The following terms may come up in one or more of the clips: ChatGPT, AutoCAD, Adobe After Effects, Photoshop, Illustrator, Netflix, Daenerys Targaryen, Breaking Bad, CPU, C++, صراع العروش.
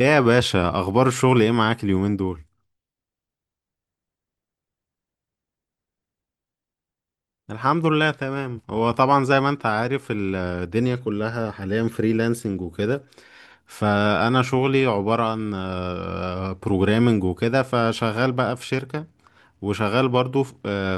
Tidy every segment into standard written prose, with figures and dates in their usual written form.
ايه يا باشا، اخبار الشغل ايه معاك اليومين دول؟ الحمد لله تمام. هو طبعا زي ما انت عارف الدنيا كلها حاليا فريلانسنج وكده، فانا شغلي عبارة عن بروجرامنج وكده. فشغال بقى في شركة، وشغال برضو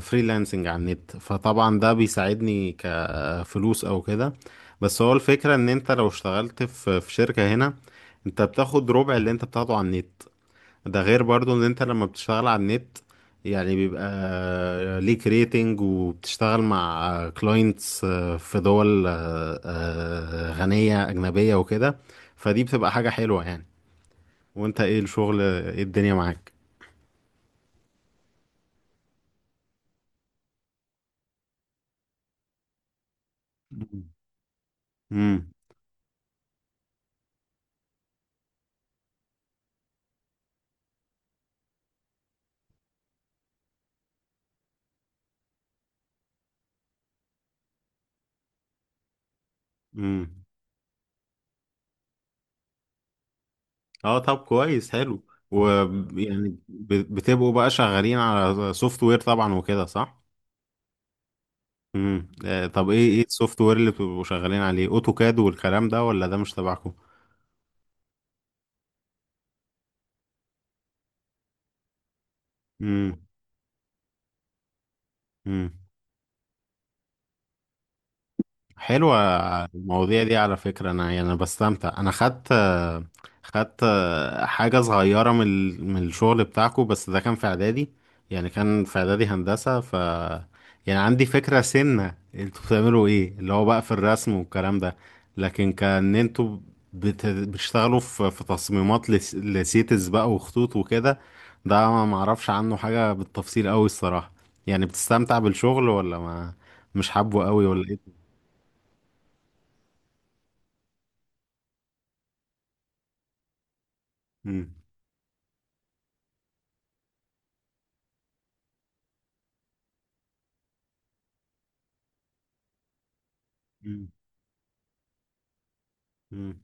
فريلانسنج على النت. فطبعا ده بيساعدني كفلوس او كده. بس هو الفكرة ان انت لو اشتغلت في شركة هنا، انت بتاخد ربع اللي انت بتاخده على النت. ده غير برضو ان انت لما بتشتغل على النت، يعني بيبقى ليك ريتنج وبتشتغل مع كلاينتس في دول غنية أجنبية وكده. فدي بتبقى حاجة حلوة يعني. وانت، ايه الشغل؟ ايه الدنيا معاك؟ مم. امم امم اه، طب كويس، حلو. ويعني بتبقوا بقى شغالين على سوفت وير طبعا وكده، صح؟ طب ايه ايه السوفت وير اللي بتبقوا شغالين عليه؟ اوتوكاد والكلام ده، ولا ده مش تبعكم؟ مم. حلوة. المواضيع دي على فكرة أنا يعني أنا بستمتع. أنا خدت حاجة صغيرة من من الشغل بتاعكو، بس ده كان في إعدادي. يعني كان في إعدادي هندسة، ف يعني عندي فكرة سنة انتوا بتعملوا إيه، اللي هو بقى في الرسم والكلام ده. لكن كان انتوا بتشتغلوا في تصميمات لسيتس بقى وخطوط وكده. ده ما معرفش عنه حاجة بالتفصيل أوي الصراحة. يعني بتستمتع بالشغل ولا ما؟ مش حابه قوي ولا ايه؟ مم. مم. مم.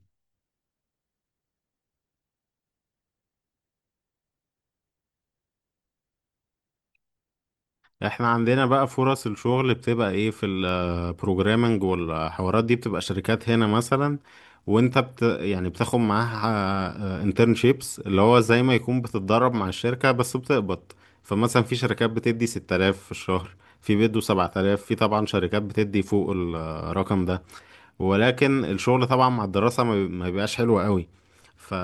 احنا عندنا بقى فرص الشغل بتبقى ايه في البروجرامنج والحوارات دي، بتبقى شركات هنا مثلا، وانت بت يعني بتاخد معاها انترنشيبس، اللي هو زي ما يكون بتتدرب مع الشركة بس بتقبض. فمثلا في شركات بتدي 6000 في الشهر، في بيدوا 7000، في طبعا شركات بتدي فوق الرقم ده. ولكن الشغل طبعا مع الدراسة ما بيبقاش حلو قوي. ف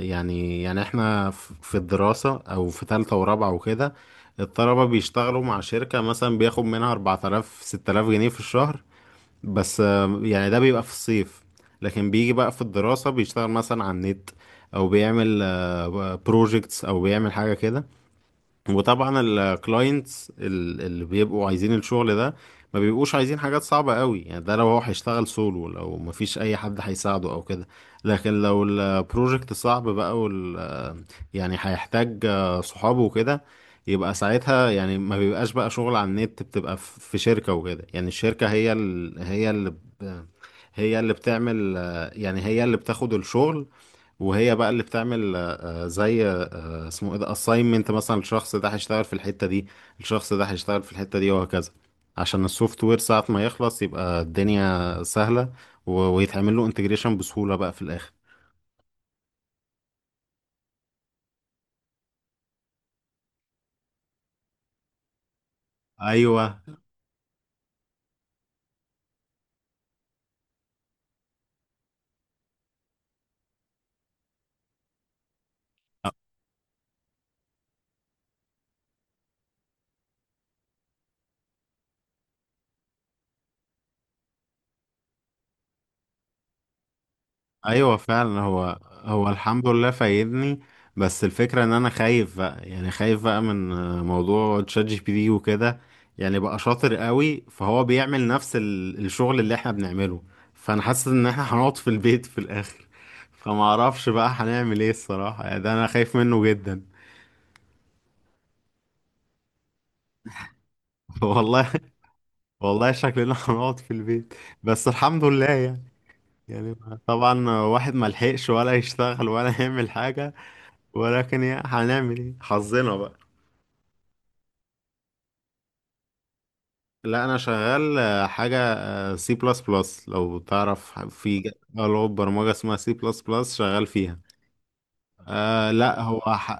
يعني يعني احنا في الدراسة او في تالتة ورابعة وكده، الطلبة بيشتغلوا مع شركة مثلا، بياخد منها 4000 6000 جنيه في الشهر. بس آه، يعني ده بيبقى في الصيف. لكن بيجي بقى في الدراسة بيشتغل مثلا على النت، او بيعمل بروجيكتس، او بيعمل حاجة كده. وطبعا الكلاينتس اللي بيبقوا عايزين الشغل ده ما بيبقوش عايزين حاجات صعبة قوي، يعني ده لو هو هيشتغل سولو، لو مفيش اي حد هيساعده او كده. لكن لو البروجكت صعب بقى وال يعني هيحتاج صحابه وكده، يبقى ساعتها يعني ما بيبقاش بقى شغل على النت، بتبقى في شركة وكده. يعني الشركة هي هي اللي هي اللي بتعمل، يعني هي اللي بتاخد الشغل. وهي بقى اللي بتعمل زي اسمه ايه ده، assignment، مثلا الشخص ده هيشتغل في الحتة دي، الشخص ده هيشتغل في الحتة دي، وهكذا. عشان السوفت وير ساعة ما يخلص يبقى الدنيا سهلة، ويتعمل له انتجريشن بسهولة بقى في الآخر. ايوه، ايوه فعلا. هو هو الحمد لله فايدني. بس الفكره ان انا خايف بقى، يعني خايف بقى من موضوع تشات جي بي تي وكده، يعني بقى شاطر قوي. فهو بيعمل نفس الشغل اللي احنا بنعمله. فانا حاسس ان احنا هنقعد في البيت في الاخر. فما اعرفش بقى هنعمل ايه الصراحه. يعني ده انا خايف منه جدا. والله، والله شكلنا هنقعد في البيت. بس الحمد لله يعني. يعني طبعا واحد ما لحقش ولا يشتغل ولا يعمل حاجه، ولكن يا هنعمل ايه، حظنا بقى. لا، انا شغال حاجه سي بلس بلس، لو تعرف في لغه برمجه اسمها سي بلس بلس شغال فيها. آه لا،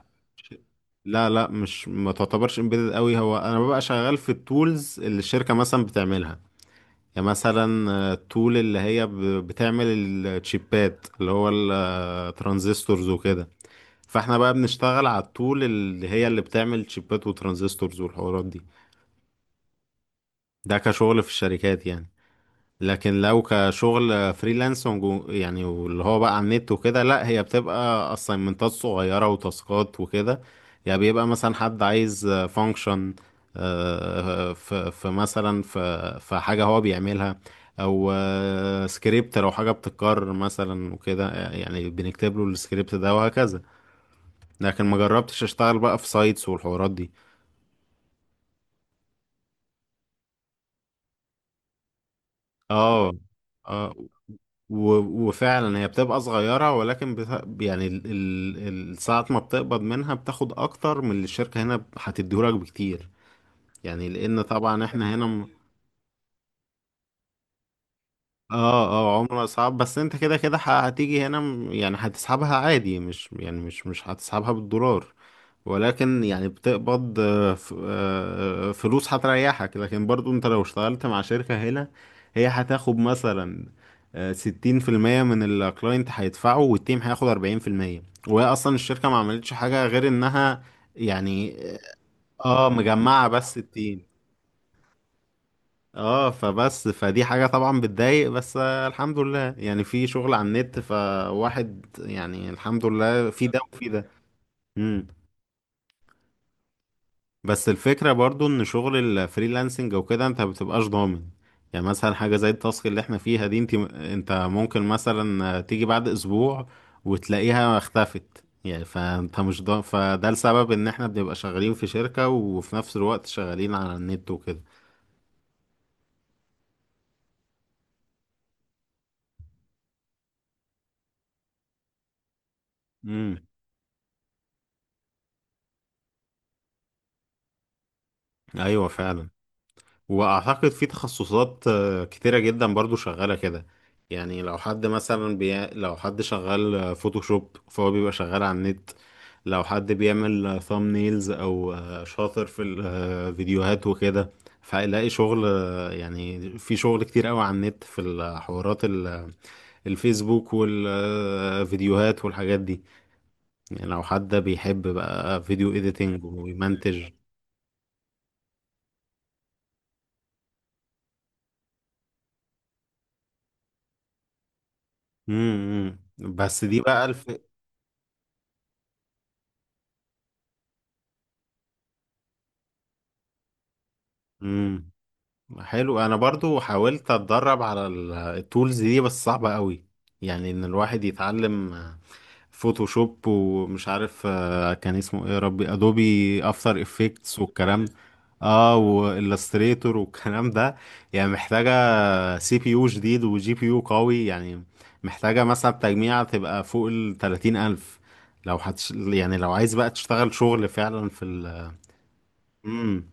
لا لا، مش، ما تعتبرش امبيدد قوي. هو انا ببقى شغال في التولز اللي الشركه مثلا بتعملها. يعني مثلا التول اللي هي بتعمل الشيبات، اللي هو الترانزستورز وكده. فاحنا بقى بنشتغل على التول اللي هي اللي بتعمل شيبات وترانزستورز والحوارات دي. ده كشغل في الشركات يعني. لكن لو كشغل فريلانس يعني واللي هو بقى على النت وكده، لا هي بتبقى اساينمنتات صغيرة وتاسكات وكده. يعني بيبقى مثلا حد عايز فانكشن في مثلا في حاجة هو بيعملها، او سكريبت لو حاجة بتتكرر مثلا وكده، يعني بنكتب له السكريبت ده، وهكذا. لكن ما جربتش اشتغل بقى في سايتس والحوارات دي. اه، اه. وفعلا هي بتبقى صغيرة، ولكن يعني ساعة ما بتقبض منها بتاخد أكتر من اللي الشركة هنا هتديهولك بكتير. يعني لأن طبعا احنا هنا. اه، اه. عمرها صعب. بس انت كده كده هتيجي هنا، يعني هتسحبها عادي، مش يعني مش هتسحبها بالدولار. ولكن يعني بتقبض، فلوس هتريحك. لكن برضو انت لو اشتغلت مع شركة هنا، هي هتاخد مثلا ستين في المية من الكلاينت هيدفعه، والتيم هياخد أربعين في المية. وهي أصلا الشركة ما عملتش حاجة غير إنها يعني، اه، مجمعة بس التيم. اه. فبس فدي حاجة طبعا بتضايق. بس آه، الحمد لله يعني في شغل على النت. فواحد يعني الحمد لله، في ده وفي ده. امم. بس الفكرة برضو ان شغل الفريلانسنج وكده، انت مبتبقاش ضامن. يعني مثلا حاجة زي التاسك اللي احنا فيها دي، انت ممكن مثلا تيجي بعد اسبوع وتلاقيها اختفت، يعني فانت مش ضامن. فده السبب ان احنا بنبقى شغالين في شركة وفي نفس الوقت شغالين على النت وكده. امم. ايوه فعلا. واعتقد في تخصصات كتيرة جدا برضو شغالة كده. يعني لو حد مثلا لو حد شغال فوتوشوب، فهو بيبقى شغال على النت. لو حد بيعمل ثامنيلز، او شاطر في الفيديوهات وكده، فهيلاقي شغل. يعني في شغل كتير قوي على النت في الحوارات الفيسبوك والفيديوهات والحاجات دي. يعني لو حد بيحب بقى فيديو اديتنج ويمنتج. امم. بس دي بقى مم. حلو. انا برضو حاولت اتدرب على التولز دي، بس صعبة قوي. يعني ان الواحد يتعلم فوتوشوب، ومش عارف كان اسمه ايه يا ربي، ادوبي افتر افكتس والكلام، Illustrator. اه، والستريتور والكلام ده، يعني محتاجة سي بي يو جديد وجي بي يو قوي يعني. محتاجة مثلا تجميعة تبقى فوق ال 30 ألف، لو يعني لو عايز بقى تشتغل شغل فعلا في ال مم.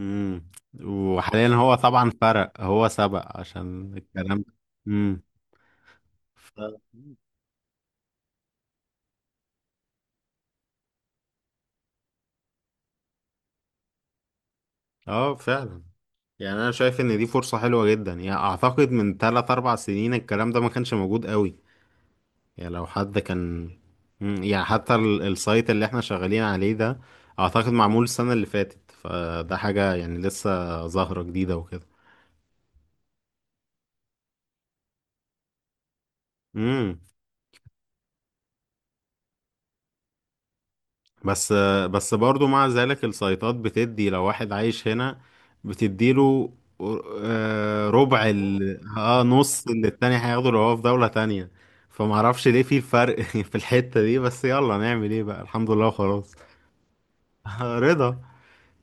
امم. وحاليا هو طبعا فرق، هو سبق عشان الكلام ده. امم. ف اه فعلا. يعني انا شايف ان دي فرصة حلوة جدا. يعني اعتقد من 3 4 سنين الكلام ده ما كانش موجود قوي. يعني لو حد كان مم، يعني حتى السايت اللي احنا شغالين عليه ده، اعتقد معمول السنة اللي فاتت. فده حاجة يعني لسه ظاهرة جديدة وكده. امم. بس، بس برضو مع ذلك السيطات بتدي لو واحد عايش هنا، بتديله ربع اه نص اللي التاني هياخده لو هو في دولة تانية. فمعرفش ليه في الفرق في الحتة دي. بس يلا نعمل ايه بقى، الحمد لله وخلاص. رضا.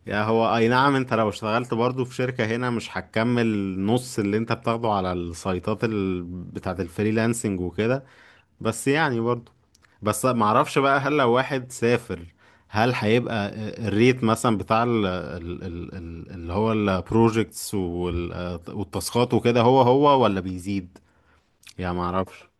يعني هو اي نعم، انت لو اشتغلت برضو في شركة هنا مش هتكمل نص اللي انت بتاخده على السيطات بتاعت الفريلانسنج وكده. بس يعني برضو، بس معرفش بقى هل لو واحد سافر، هل هيبقى الريت مثلا بتاع ال ال ال ال اللي هو البروجكتس والتاسكات وكده، هو هو ولا بيزيد؟ يعني معرفش.